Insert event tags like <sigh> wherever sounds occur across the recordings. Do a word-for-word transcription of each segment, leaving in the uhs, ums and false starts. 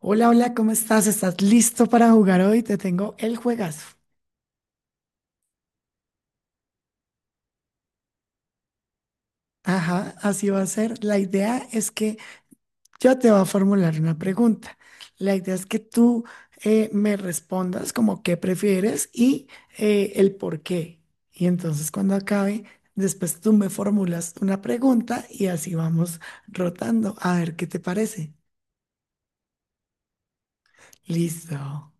Hola, hola, ¿cómo estás? ¿Estás listo para jugar hoy? Te tengo el juegazo. Ajá, así va a ser. La idea es que yo te voy a formular una pregunta. La idea es que tú eh, me respondas como qué prefieres y eh, el por qué. Y entonces cuando acabe, después tú me formulas una pregunta y así vamos rotando a ver qué te parece. Listo.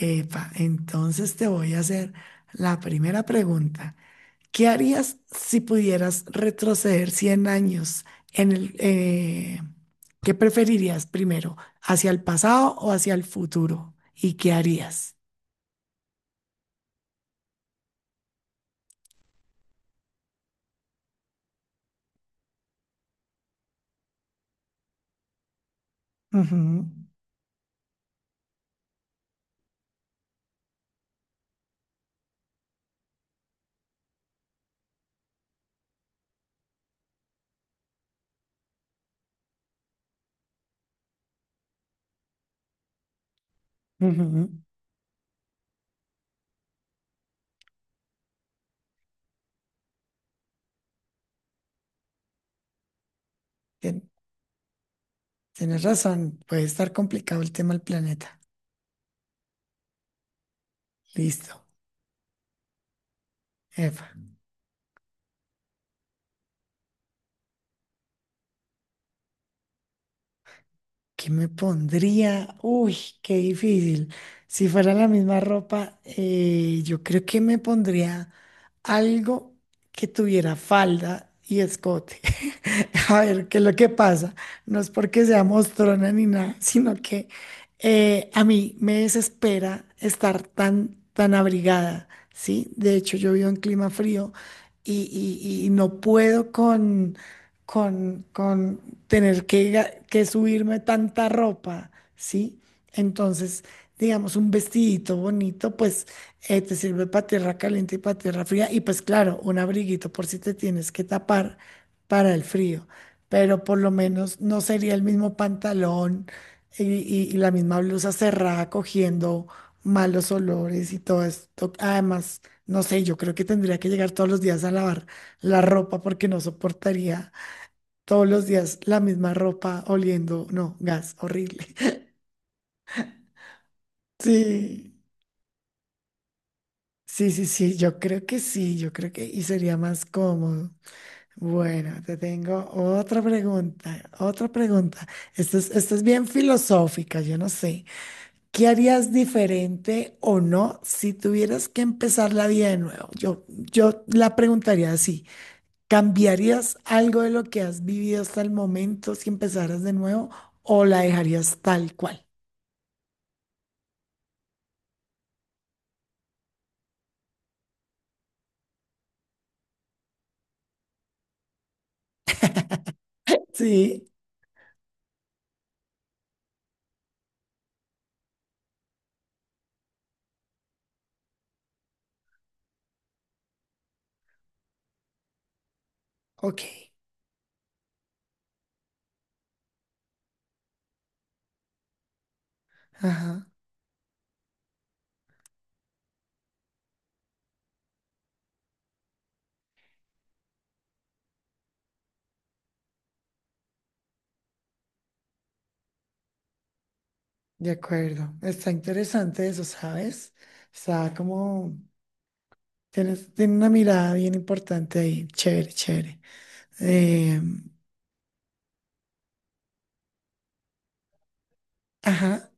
Epa, entonces te voy a hacer la primera pregunta. ¿Qué harías si pudieras retroceder cien años en el, eh, ¿qué preferirías primero? ¿Hacia el pasado o hacia el futuro? ¿Y qué harías? Ujú, ujú. Tien- Tienes razón, puede estar complicado el tema del planeta. Listo. Epa. ¿Qué me pondría? Uy, qué difícil. Si fuera la misma ropa, eh, yo creo que me pondría algo que tuviera falda y escote. <laughs> A ver, ¿qué es lo que pasa? No es porque sea mostrona ni nada, sino que eh, a mí me desespera estar tan, tan abrigada, ¿sí? De hecho, yo vivo en clima frío y, y y no puedo con con, con tener que, ga- que subirme tanta ropa, ¿sí? Entonces, digamos, un vestidito bonito, pues eh, te sirve para tierra caliente y para tierra fría. Y pues claro, un abriguito por si te tienes que tapar para el frío. Pero por lo menos no sería el mismo pantalón y, y- y la misma blusa cerrada cogiendo malos olores y todo esto. Además, no sé, yo creo que tendría que llegar todos los días a lavar la ropa porque no soportaría todos los días la misma ropa oliendo, no, gas, horrible. <laughs> Sí, sí, sí, sí, yo creo que sí, yo creo que y sería más cómodo. Bueno, te tengo otra pregunta, otra pregunta. Esta es, esta es bien filosófica, yo no sé. ¿Qué harías diferente o no si tuvieras que empezar la vida de nuevo? Yo, yo la preguntaría así. ¿Cambiarías algo de lo que has vivido hasta el momento si empezaras de nuevo o la dejarías tal cual? Sí. Ok, ajá, de acuerdo. Está interesante eso, ¿sabes? Está como, tienes, tiene una mirada bien importante ahí, chévere, chévere. Eh, ajá.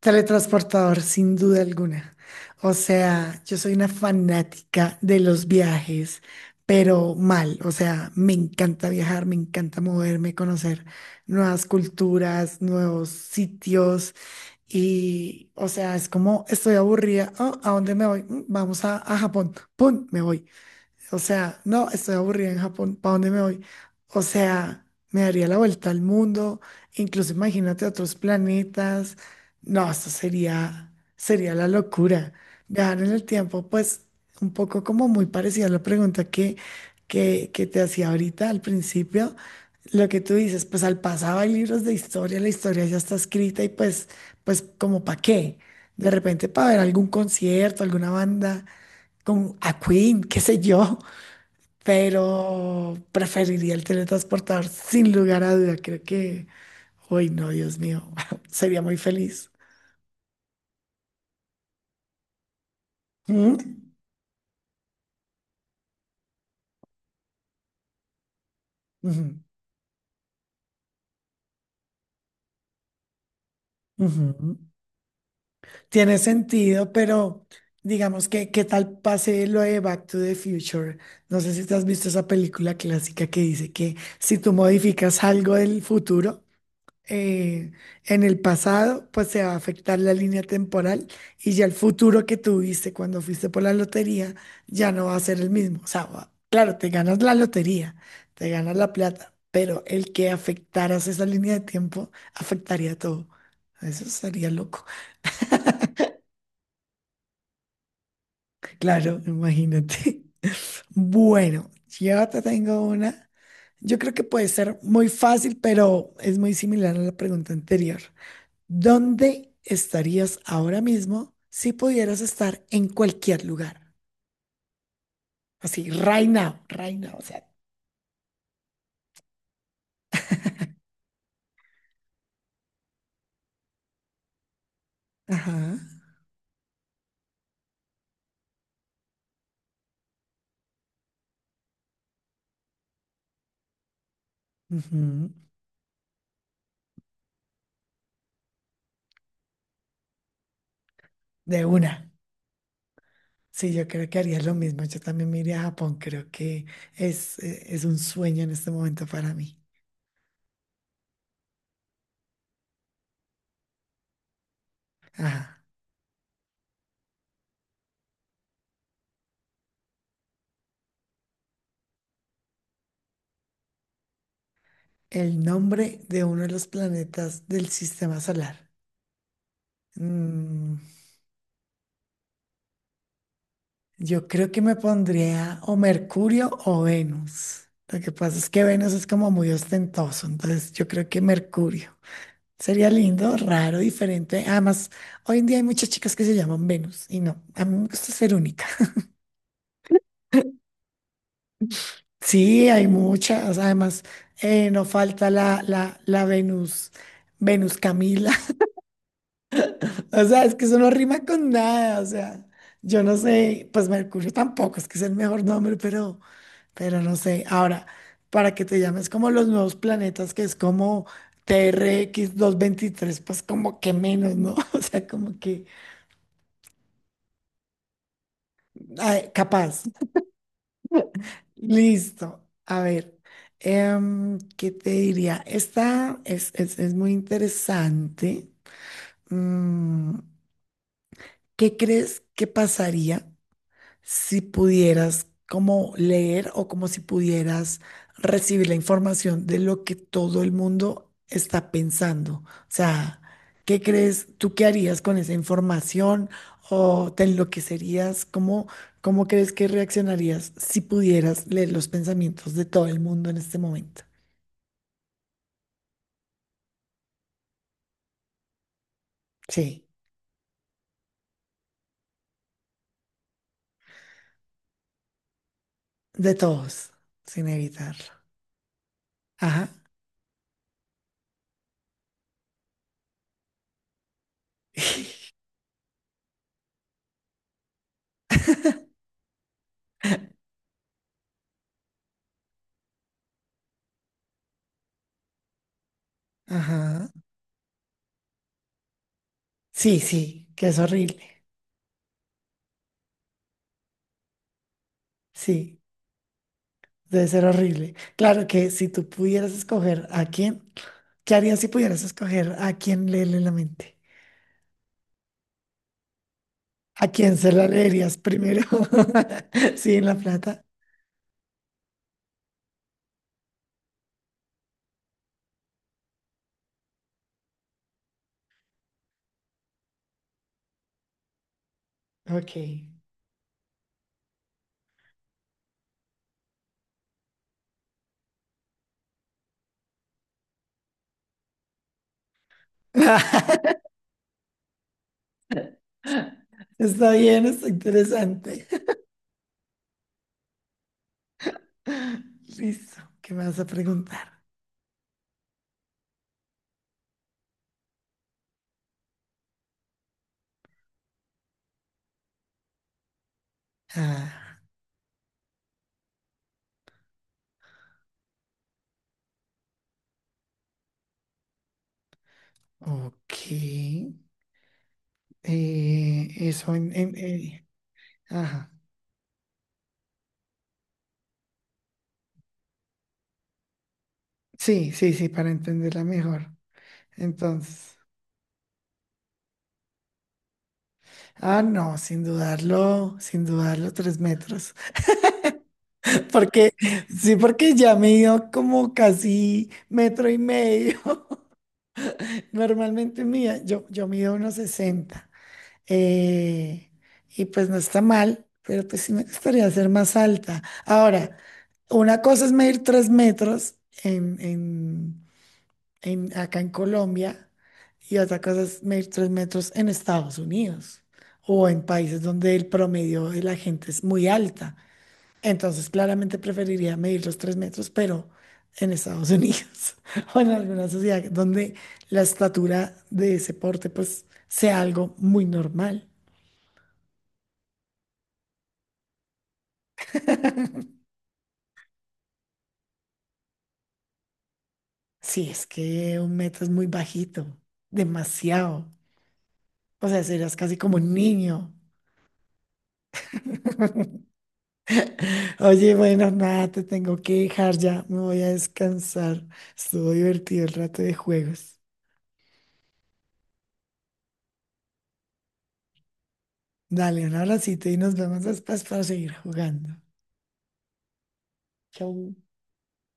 Teletransportador, sin duda alguna. O sea, yo soy una fanática de los viajes, pero mal. O sea, me encanta viajar, me encanta moverme, conocer nuevas culturas, nuevos sitios. Y, o sea, es como estoy aburrida. "Oh, ¿a dónde me voy? Mm, vamos a, a Japón. ¡Pum! Me voy. O sea, no, estoy aburrida en Japón, ¿para dónde me voy? O sea, me daría la vuelta al mundo, incluso imagínate otros planetas. No, esto sería, sería la locura. Viajar en el tiempo, pues un poco como muy parecida a la pregunta que, que, que te hacía ahorita al principio. Lo que tú dices, pues al pasado hay libros de historia, la historia ya está escrita y pues, pues como para qué. De repente para ver algún concierto, alguna banda, con a Queen, qué sé yo, pero preferiría el teletransportador sin lugar a duda. Creo que, uy, no, Dios mío, <laughs> sería muy feliz. ¿Mm? Ujú, ujú. Tiene sentido, pero digamos que, ¿qué tal pase lo de Back to the Future? No sé si te has visto esa película clásica que dice que si tú modificas algo del futuro, eh, en el pasado, pues se va a afectar la línea temporal y ya el futuro que tuviste cuando fuiste por la lotería ya no va a ser el mismo. O sea, va- claro, te ganas la lotería, te ganas la plata, pero el que afectaras esa línea de tiempo afectaría todo. Eso sería loco. Claro, imagínate. <laughs> Bueno, yo te tengo una. Yo creo que puede ser muy fácil, pero es muy similar a la pregunta anterior. ¿Dónde estarías ahora mismo si pudieras estar en cualquier lugar? Así, right now, right now, o sea. Ajá. Ujú. De una. Sí, yo creo que haría lo mismo. Yo también me iría a Japón. Creo que es, eh, es un sueño en este momento para mí. Ajá. El nombre de uno de los planetas del sistema solar. Mm, yo creo que me pondría o Mercurio o Venus. Lo que pasa es que Venus es como muy ostentoso, entonces yo creo que Mercurio. Sería lindo, raro, diferente. Además, hoy en día hay muchas chicas que se llaman Venus y no, a mí me gusta ser única. <laughs> Sí, hay muchas. Además, eh, no falta la, la, la Venus, Venus Camila. <laughs> O sea, es que eso no rima con nada. O sea, yo no sé, pues Mercurio tampoco, es que es el mejor nombre, pero... Pero no sé, ahora, para que te llames como los nuevos planetas, que es como T R X veintitrés, pues como que menos, ¿no? <laughs> O sea, como que ay, capaz. Listo. A ver, em, ¿qué te diría? Esta es, es- es muy interesante. Mm, ¿qué crees que pasaría si pudieras como leer o como si pudieras recibir la información de lo que todo el mundo está pensando? O sea, ¿qué crees tú qué harías con esa información o te enloquecerías? ¿Cómo, cómo crees que reaccionarías si pudieras leer los pensamientos de todo el mundo en este momento? Sí, de todos, sin evitarlo. Ajá, <laughs> ajá. Sí, sí, que es horrible. Sí. Debe ser horrible. Claro que si tú pudieras escoger a quién, ¿qué harías si pudieras escoger a quién leerle la mente? ¿A quién se la leerías primero? <laughs> Sí, en La Plata. Ok. <laughs> Está bien, está interesante. <laughs> Listo, ¿qué me vas a preguntar? Ah, ok. Eh, eso en, en- eh, ajá. Sí, sí, sí, para entenderla mejor. Entonces. Ah, no, sin dudarlo, sin dudarlo, tres metros. <laughs> Porque, sí, porque ya mido como casi metro y medio. <laughs> Normalmente mía, yo, yo mido unos sesenta, eh, y pues no está mal, pero pues sí me gustaría ser más alta. Ahora, una cosa es medir tres metros en en, en- acá en Colombia y otra cosa es medir tres metros en Estados Unidos o en países donde el promedio de la gente es muy alta. Entonces, claramente preferiría medir los tres metros, pero en Estados Unidos <laughs> o en alguna sociedad donde la estatura de ese porte pues sea algo muy normal. Si es que un metro es muy bajito, demasiado. O sea, serías casi como un niño. <laughs> Oye, bueno, nada, te tengo que dejar ya. Me voy a descansar. Estuvo divertido el rato de juegos. Dale, un abracito y nos vemos después para seguir jugando. Chau.